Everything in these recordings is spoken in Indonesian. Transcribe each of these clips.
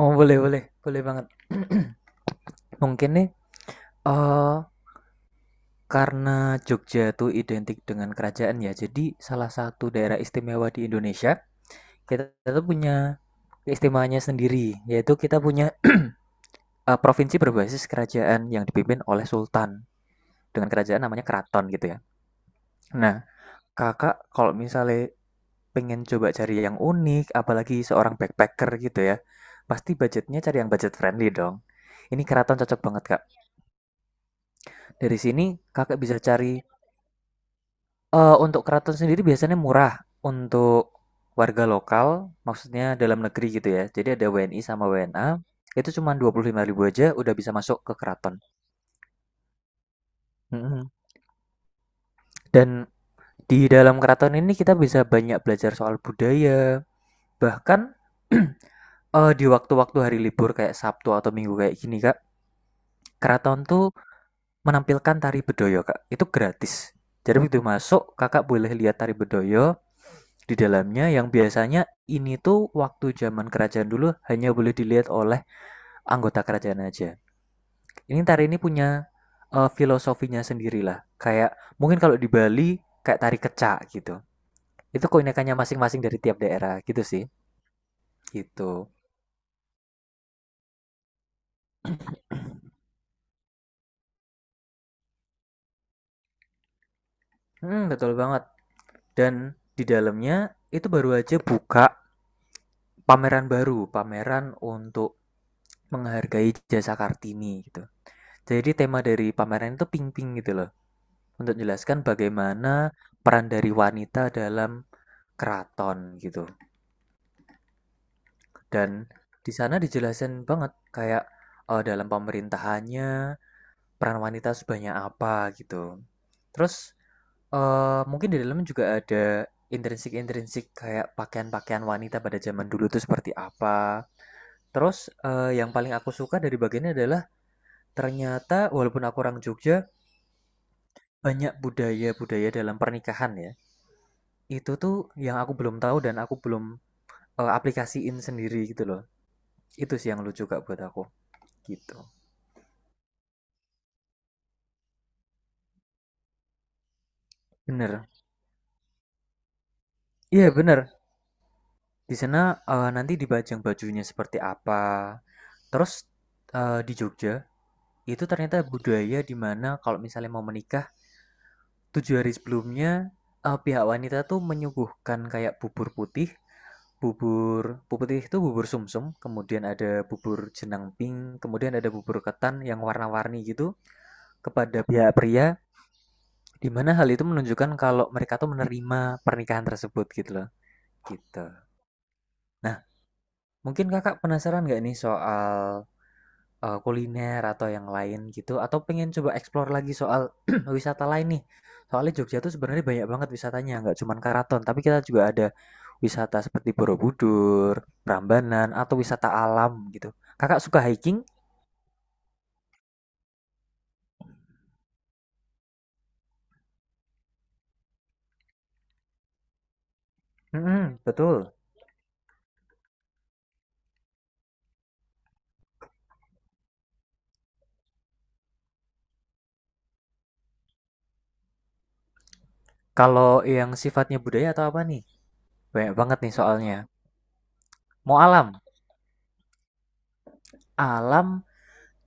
Oh, boleh boleh boleh banget. Mungkin nih eh karena Jogja tuh identik dengan kerajaan ya. Jadi salah satu daerah istimewa di Indonesia kita tuh punya keistimewaannya sendiri. Yaitu kita punya provinsi berbasis kerajaan yang dipimpin oleh Sultan dengan kerajaan namanya keraton gitu ya. Nah, kakak kalau misalnya pengen coba cari yang unik, apalagi seorang backpacker gitu ya, pasti budgetnya cari yang budget friendly dong. Ini keraton cocok banget kak. Dari sini kakak bisa cari. Untuk keraton sendiri biasanya murah untuk warga lokal, maksudnya dalam negeri gitu ya. Jadi ada WNI sama WNA, itu cuma 25.000 aja udah bisa masuk ke keraton. Mhm, dan di dalam keraton ini kita bisa banyak belajar soal budaya, bahkan, di waktu-waktu hari libur kayak Sabtu atau Minggu kayak gini, Kak, keraton tuh menampilkan tari Bedoyo, Kak, itu gratis. Jadi begitu masuk Kakak boleh lihat tari Bedoyo, di dalamnya yang biasanya ini tuh waktu zaman kerajaan dulu hanya boleh dilihat oleh anggota kerajaan aja. Ini tari ini punya filosofinya sendirilah. Kayak mungkin kalau di Bali kayak tari kecak gitu. Itu keunikannya masing-masing dari tiap daerah gitu sih. Gitu. Hmm, betul banget. Dan di dalamnya itu baru aja buka pameran baru, pameran untuk menghargai jasa Kartini gitu. Jadi tema dari pameran itu ping-ping gitu loh, untuk jelaskan bagaimana peran dari wanita dalam keraton gitu. Dan di sana dijelasin banget kayak dalam pemerintahannya peran wanita sebanyak apa gitu. Terus mungkin di dalamnya juga ada intrinsik-intrinsik kayak pakaian-pakaian wanita pada zaman dulu itu seperti apa. Terus yang paling aku suka dari bagiannya adalah ternyata walaupun aku orang Jogja, banyak budaya-budaya dalam pernikahan ya. Itu tuh yang aku belum tahu dan aku belum aplikasiin sendiri gitu loh. Itu sih yang lucu kak buat aku gitu. Bener. Iya bener. Di sana nanti dibajang bajunya seperti apa. Terus di Jogja itu ternyata budaya di mana kalau misalnya mau menikah, 7 hari sebelumnya pihak wanita tuh menyuguhkan kayak bubur putih, bubur bubur putih itu bubur sumsum, kemudian ada bubur jenang pink, kemudian ada bubur ketan yang warna-warni gitu kepada pihak pria. Di mana hal itu menunjukkan kalau mereka tuh menerima pernikahan tersebut gitu loh, gitu. Nah, mungkin Kakak penasaran nggak nih soal, kuliner atau yang lain gitu atau pengen coba explore lagi soal wisata lain nih? Soalnya Jogja tuh sebenarnya banyak banget wisatanya, nggak cuma keraton, tapi kita juga ada wisata seperti Borobudur, Prambanan, atau wisata alam gitu. Kakak suka hiking? Mhm, betul. Kalau yang sifatnya budaya atau apa nih? Banyak banget nih soalnya. Mau alam? Alam.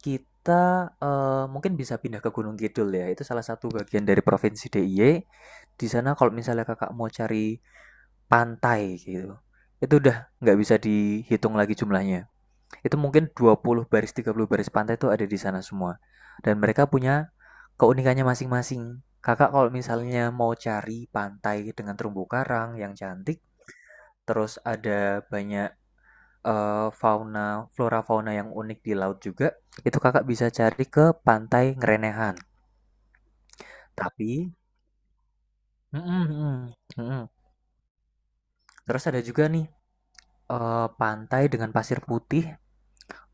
Kita mungkin bisa pindah ke Gunung Kidul ya, itu salah satu bagian dari provinsi DIY. Di sana kalau misalnya Kakak mau cari pantai gitu, itu udah nggak bisa dihitung lagi jumlahnya. Itu mungkin 20 baris, 30 baris pantai itu ada di sana semua. Dan mereka punya keunikannya masing-masing. Kakak kalau misalnya mau cari pantai dengan terumbu karang yang cantik, terus ada banyak eh, fauna flora fauna yang unik di laut juga, itu kakak bisa cari ke pantai Ngerenehan, tapi mm-mm, mm-mm, mm-mm, terus ada juga nih pantai dengan pasir putih,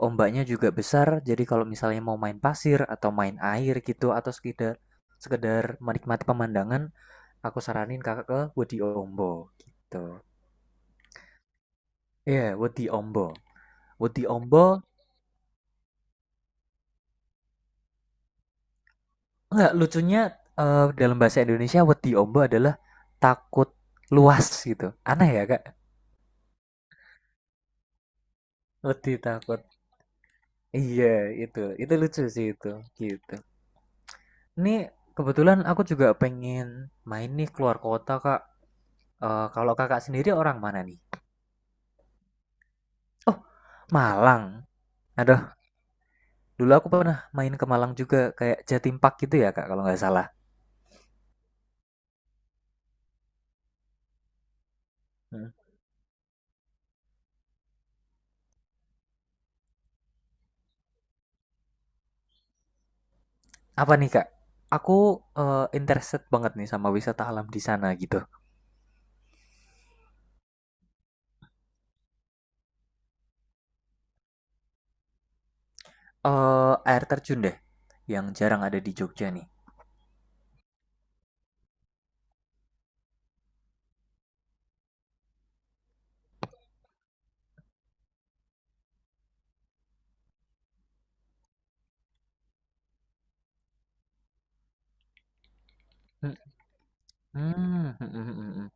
ombaknya juga besar, jadi kalau misalnya mau main pasir atau main air gitu atau sekedar sekedar menikmati pemandangan, aku saranin kakak ke Wedi Ombo gitu. Iya, Wedi Ombo. Wedi Ombo. Enggak, lucunya dalam bahasa Indonesia wedi ombo adalah takut luas gitu. Aneh ya, Kak? Wedi takut. Iya, itu. Itu lucu sih itu. Gitu. Ini kebetulan aku juga pengen main nih keluar kota, Kak. Eh, kalau Kakak sendiri orang mana nih? Oh, Malang. Aduh, dulu aku pernah main ke Malang juga kayak Jatim Park gitu ya, Kak, kalau nggak salah. Hmm. Apa nih, Kak? Aku interested banget nih sama wisata alam di sana gitu. Air terjun deh, yang jarang ada di Jogja nih. Hmm, mhm mhm mhm,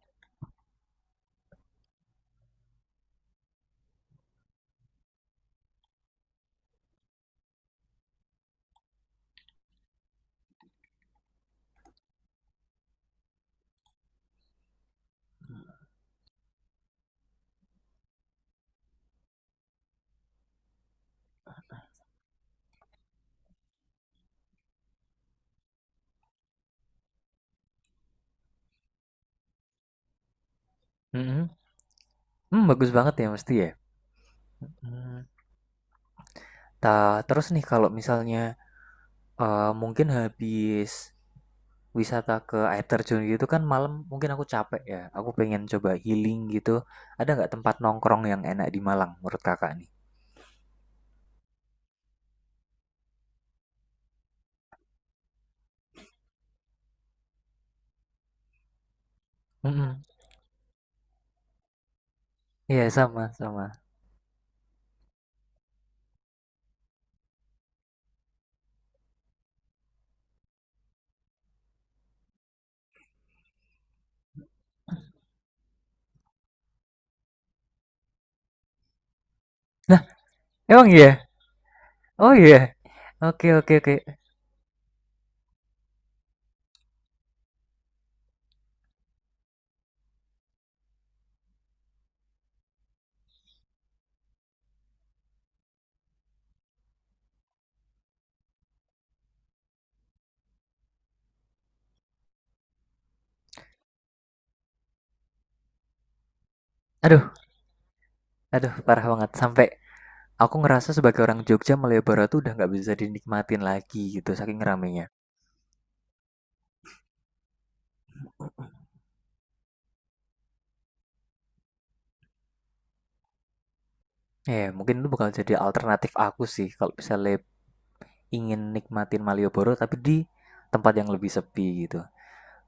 mhm, mmm, bagus banget ya mesti ya? Mhm. Ta Terus nih kalau misalnya, mungkin habis wisata ke air terjun gitu kan malam mungkin aku capek ya, aku pengen coba healing gitu, ada nggak tempat nongkrong yang enak di Malang menurut Kakak nih? Hmm, iya sama sama. Nah, emang iya? Oh iya? Oke oke oke. Aduh, aduh parah banget sampai aku ngerasa sebagai orang Jogja Malioboro tuh udah nggak bisa dinikmatin lagi gitu saking ramenya. Eh, mungkin itu bakal jadi alternatif aku sih kalau misalnya ingin nikmatin Malioboro tapi di tempat yang lebih sepi gitu.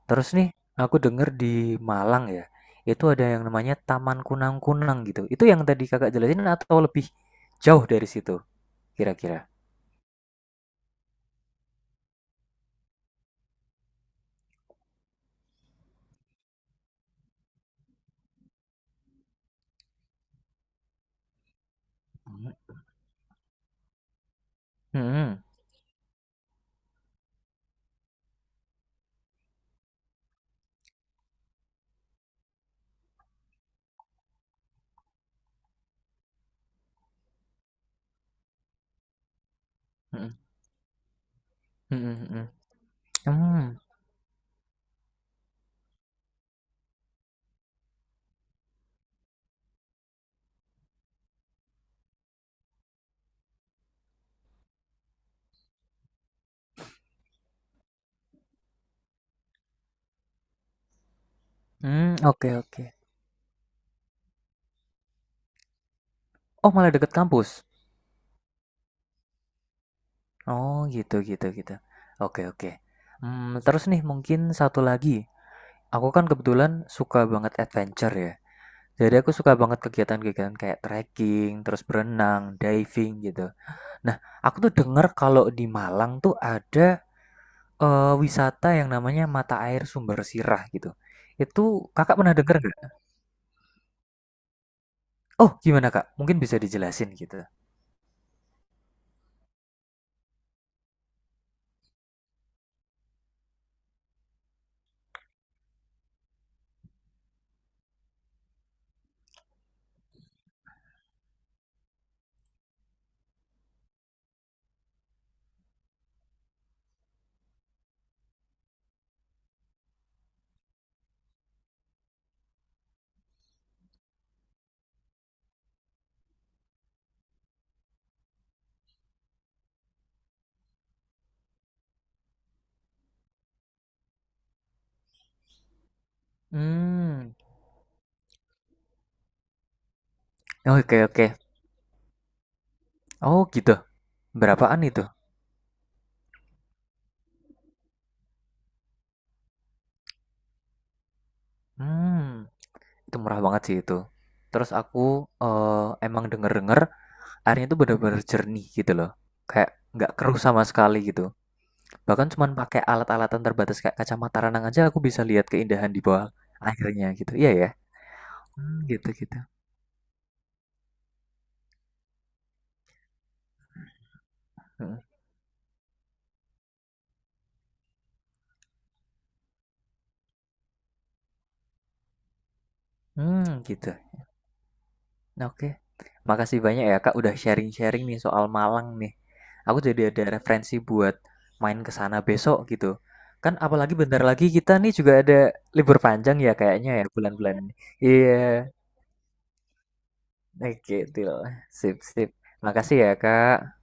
Terus nih, aku denger di Malang ya, itu ada yang namanya Taman Kunang-Kunang gitu. Itu yang tadi kakak jelasin atau lebih jauh dari situ kira-kira? Hmm, hmm, hmm, hmm, hmm, hmm, hmm, hmm, oke oke. Oh malah deket kampus. Oh gitu gitu gitu. Oke oke. Hmm, terus nih mungkin satu lagi. Aku kan kebetulan suka banget adventure ya. Jadi aku suka banget kegiatan-kegiatan kayak trekking, terus berenang, diving gitu. Nah, aku tuh denger kalau di Malang tuh ada wisata yang namanya mata air sumber sirah gitu. Itu kakak pernah denger nggak? Oh, gimana kak? Mungkin bisa dijelasin gitu. Hmm, oke oke. Oh gitu. Berapaan itu? Hmm. Itu murah banget sih itu. Terus aku eh, emang denger-denger airnya tuh bener-bener jernih gitu loh. Kayak nggak keruh sama sekali gitu. Bahkan cuman pakai alat-alatan terbatas kayak kacamata renang aja aku bisa lihat keindahan di bawah airnya gitu. Iya ya. Hmm, gitu gitu. Hmm. Hmm, gitu. Nah, oke, makasih banyak ya Kak udah sharing-sharing nih soal Malang nih. Aku jadi ada referensi buat main ke sana besok gitu. Kan apalagi bentar lagi kita nih juga ada libur panjang ya kayaknya ya bulan-bulan ini. Iya, oke, deal. Sip, sip. Makasih ya Kak.